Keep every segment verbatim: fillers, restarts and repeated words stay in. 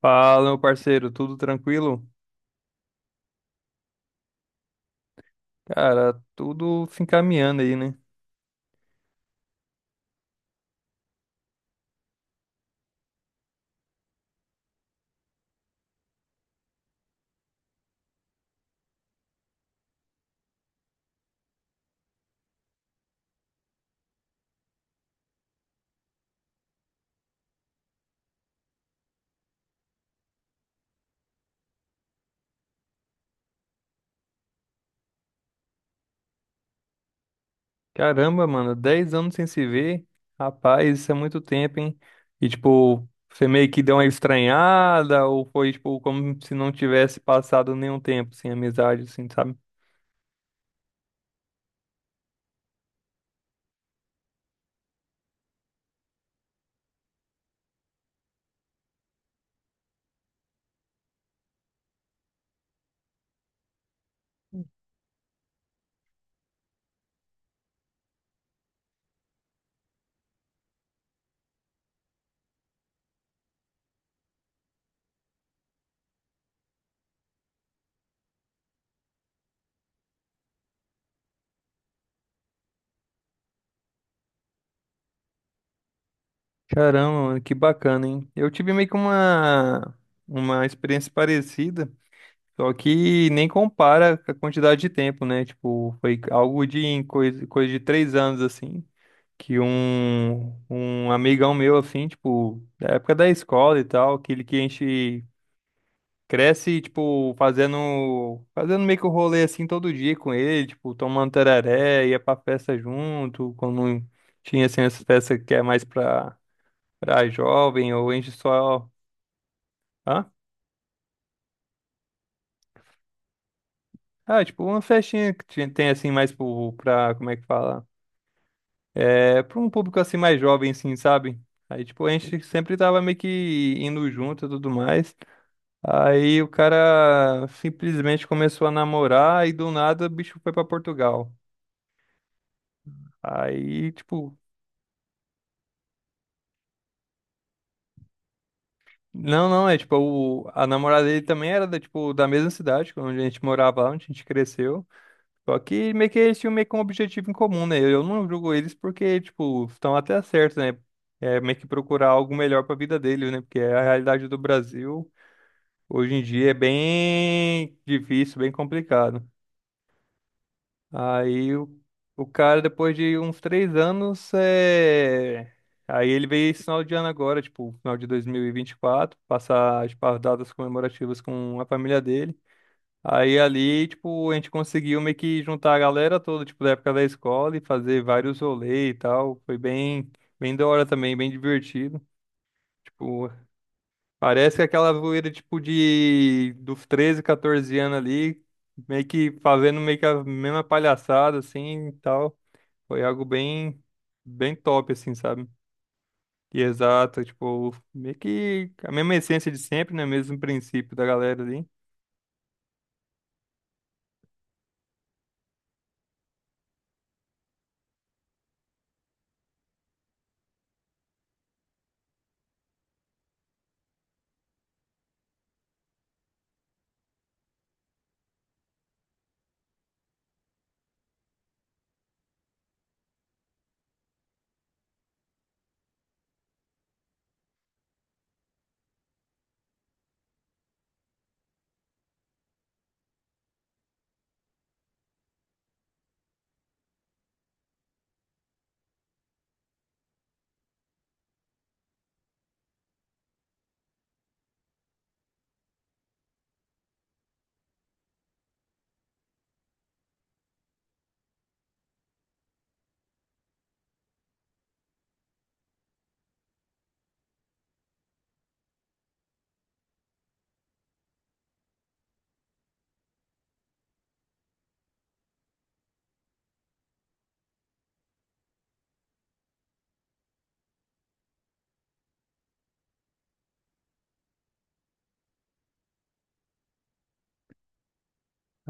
Fala, meu parceiro, tudo tranquilo? Cara, tudo se encaminhando aí, né? Caramba, mano, dez anos sem se ver. Rapaz, isso é muito tempo, hein? E, tipo, você meio que deu uma estranhada, ou foi, tipo, como se não tivesse passado nenhum tempo sem amizade, assim, sabe? Caramba, mano, que bacana, hein? Eu tive meio que uma, uma experiência parecida, só que nem compara com a quantidade de tempo, né? Tipo, foi algo de coisa, coisa de três anos, assim. Que um, um amigão meu, assim, tipo, da época da escola e tal, aquele que a gente cresce, tipo, fazendo, fazendo meio que o rolê, assim, todo dia com ele, tipo, tomando tereré, ia pra festa junto, quando tinha, assim, essa festa que é mais pra, pra jovem, ou a gente só, hã? Ah, tipo, uma festinha que tinha- tem, assim, mais pro, pra, como é que fala? É, pra um público, assim, mais jovem, assim, sabe? Aí, tipo, a gente sempre tava meio que indo junto e tudo mais. Aí o cara simplesmente começou a namorar e do nada o bicho foi pra Portugal. Aí, tipo, não, não, é tipo, o, a namorada dele também era da, tipo, da mesma cidade onde a gente morava lá, onde a gente cresceu. Só que meio que eles tinham meio que um objetivo em comum, né? Eu não julgo eles porque, tipo, estão até certos, né? É meio que procurar algo melhor pra vida dele, né? Porque é a realidade do Brasil hoje em dia é bem difícil, bem complicado. Aí o, o cara, depois de uns três anos, é... Aí ele veio esse final de ano agora, tipo, final de dois mil e e vinte e quatro passar tipo, as datas comemorativas com a família dele. Aí ali, tipo, a gente conseguiu meio que juntar a galera toda, tipo, da época da escola e fazer vários rolês e tal. Foi bem, bem da hora também, bem divertido. Tipo, parece que aquela zoeira, tipo, de dos treze catorze anos ali, meio que fazendo meio que a mesma palhaçada, assim, e tal. Foi algo bem, bem top, assim, sabe? E exato, tipo, meio que a mesma essência de sempre, né? Mesmo princípio da galera ali.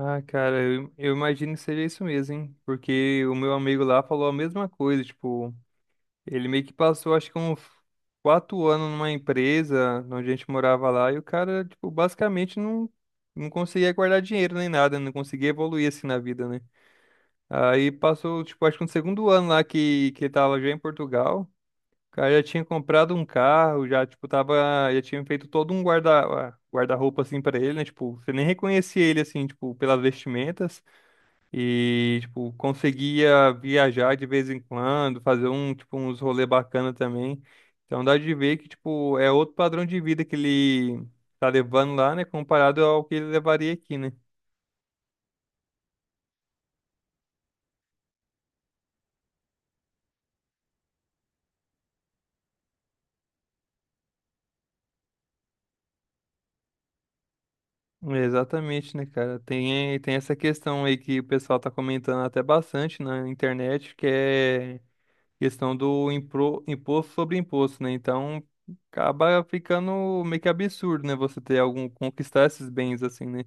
Ah, cara, eu, eu imagino que seja isso mesmo, hein? Porque o meu amigo lá falou a mesma coisa, tipo, ele meio que passou, acho que uns quatro anos numa empresa onde a gente morava lá, e o cara, tipo, basicamente não, não conseguia guardar dinheiro nem nada, não conseguia evoluir assim na vida, né? Aí passou, tipo, acho que no segundo ano lá que, que ele tava já em Portugal. Cara, eu já tinha comprado um carro, já, tipo, tava. Já tinha feito todo um guarda, guarda-roupa, assim, pra ele, né? Tipo, você nem reconhecia ele, assim, tipo, pelas vestimentas. E, tipo, conseguia viajar de vez em quando, fazer um, tipo, uns rolê bacana também. Então dá de ver que, tipo, é outro padrão de vida que ele tá levando lá, né? Comparado ao que ele levaria aqui, né? Exatamente, né, cara? Tem, tem essa questão aí que o pessoal tá comentando até bastante na internet, que é questão do impro- imposto sobre imposto, né? Então acaba ficando meio que absurdo, né? Você ter algum conquistar esses bens assim, né?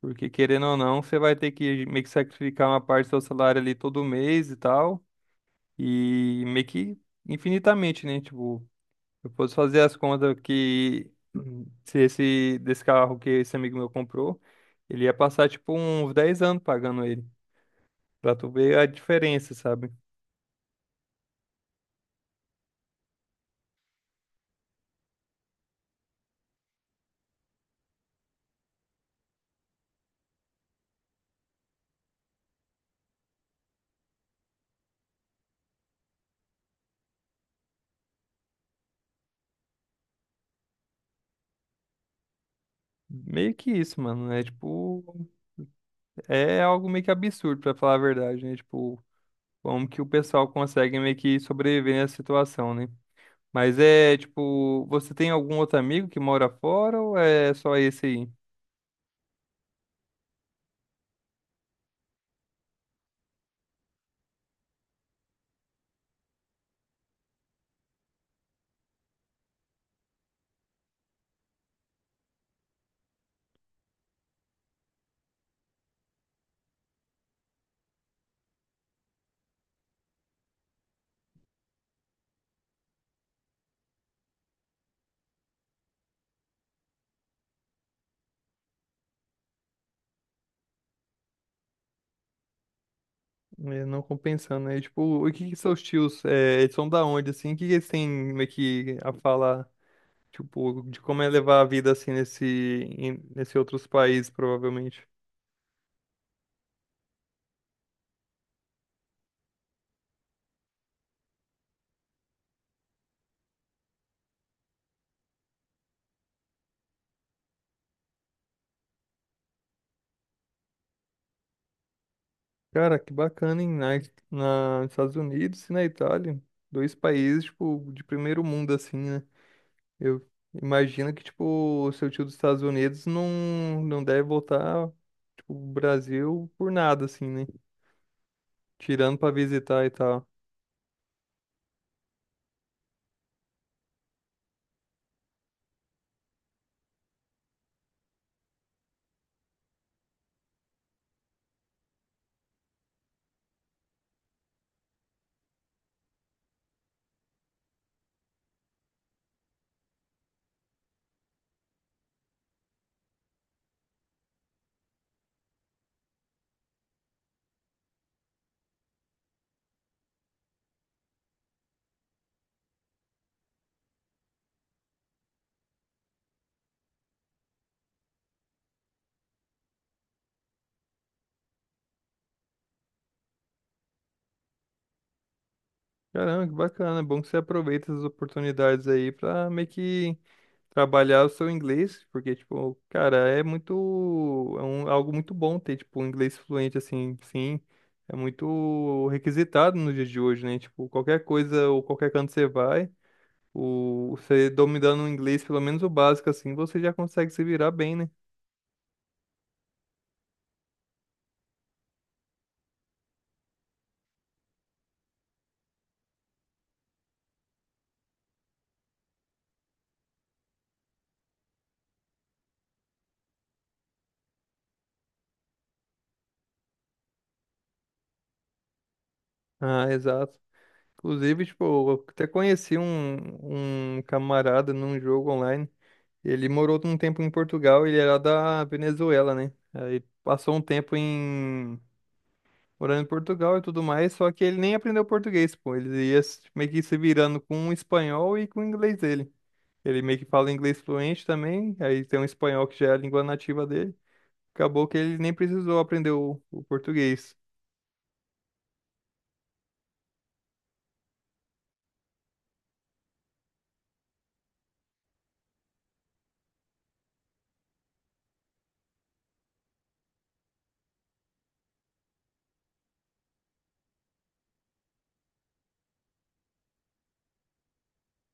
Porque querendo ou não, você vai ter que meio que sacrificar uma parte do seu salário ali todo mês e tal, e meio que infinitamente, né? Tipo, eu posso fazer as contas que hum, se esse desse carro que esse amigo meu comprou, ele ia passar tipo uns dez anos pagando ele, pra tu ver a diferença, sabe? Meio que isso, mano. É tipo é algo meio que absurdo, pra falar a verdade, né? Tipo, como que o pessoal consegue meio que sobreviver nessa situação, né? Mas é, tipo, você tem algum outro amigo que mora fora ou é só esse aí? É, não compensando, né? Tipo, o que que seus tios, é, eles são da onde, assim? O que que eles têm meio que a falar, tipo, de como é levar a vida, assim, nesse, em- nesse outros países, provavelmente? Cara, que bacana, hein? Na, na, nos Estados Unidos e na Itália. Dois países, tipo, de primeiro mundo, assim, né? Eu imagino que, tipo, o seu tio dos Estados Unidos não, não deve voltar, tipo, o Brasil por nada, assim, né? Tirando pra visitar e tal. Caramba, que bacana. É bom que você aproveita essas oportunidades aí pra meio que trabalhar o seu inglês, porque, tipo, cara, é muito, é um, algo muito bom ter, tipo, um inglês fluente, assim, sim, é muito requisitado nos dias de hoje, né? Tipo, qualquer coisa ou qualquer canto você vai, o, você dominando o inglês, pelo menos o básico, assim, você já consegue se virar bem, né? Ah, exato. Inclusive, tipo, eu até conheci um, um camarada num jogo online. Ele morou um tempo em Portugal, ele era da Venezuela, né? Aí passou um tempo em morando em Portugal e tudo mais, só que ele nem aprendeu português, pô. Ele ia se- meio que se virando com o espanhol e com o inglês dele. Ele meio que fala inglês fluente também, aí tem um espanhol que já é a língua nativa dele. Acabou que ele nem precisou aprender o, o português.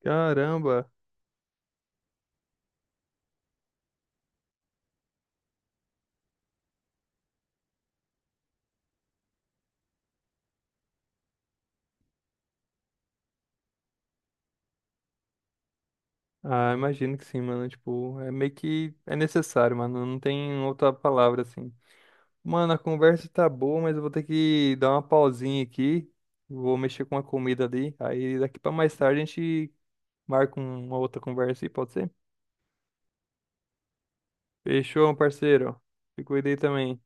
Caramba! Ah, imagino que sim, mano. Tipo, é meio que é necessário, mano. Não tem outra palavra assim. Mano, a conversa tá boa, mas eu vou ter que dar uma pausinha aqui. Vou mexer com a comida ali. Aí daqui pra mais tarde a gente marca uma outra conversa aí, pode ser? Fechou, meu parceiro. Se cuida aí também.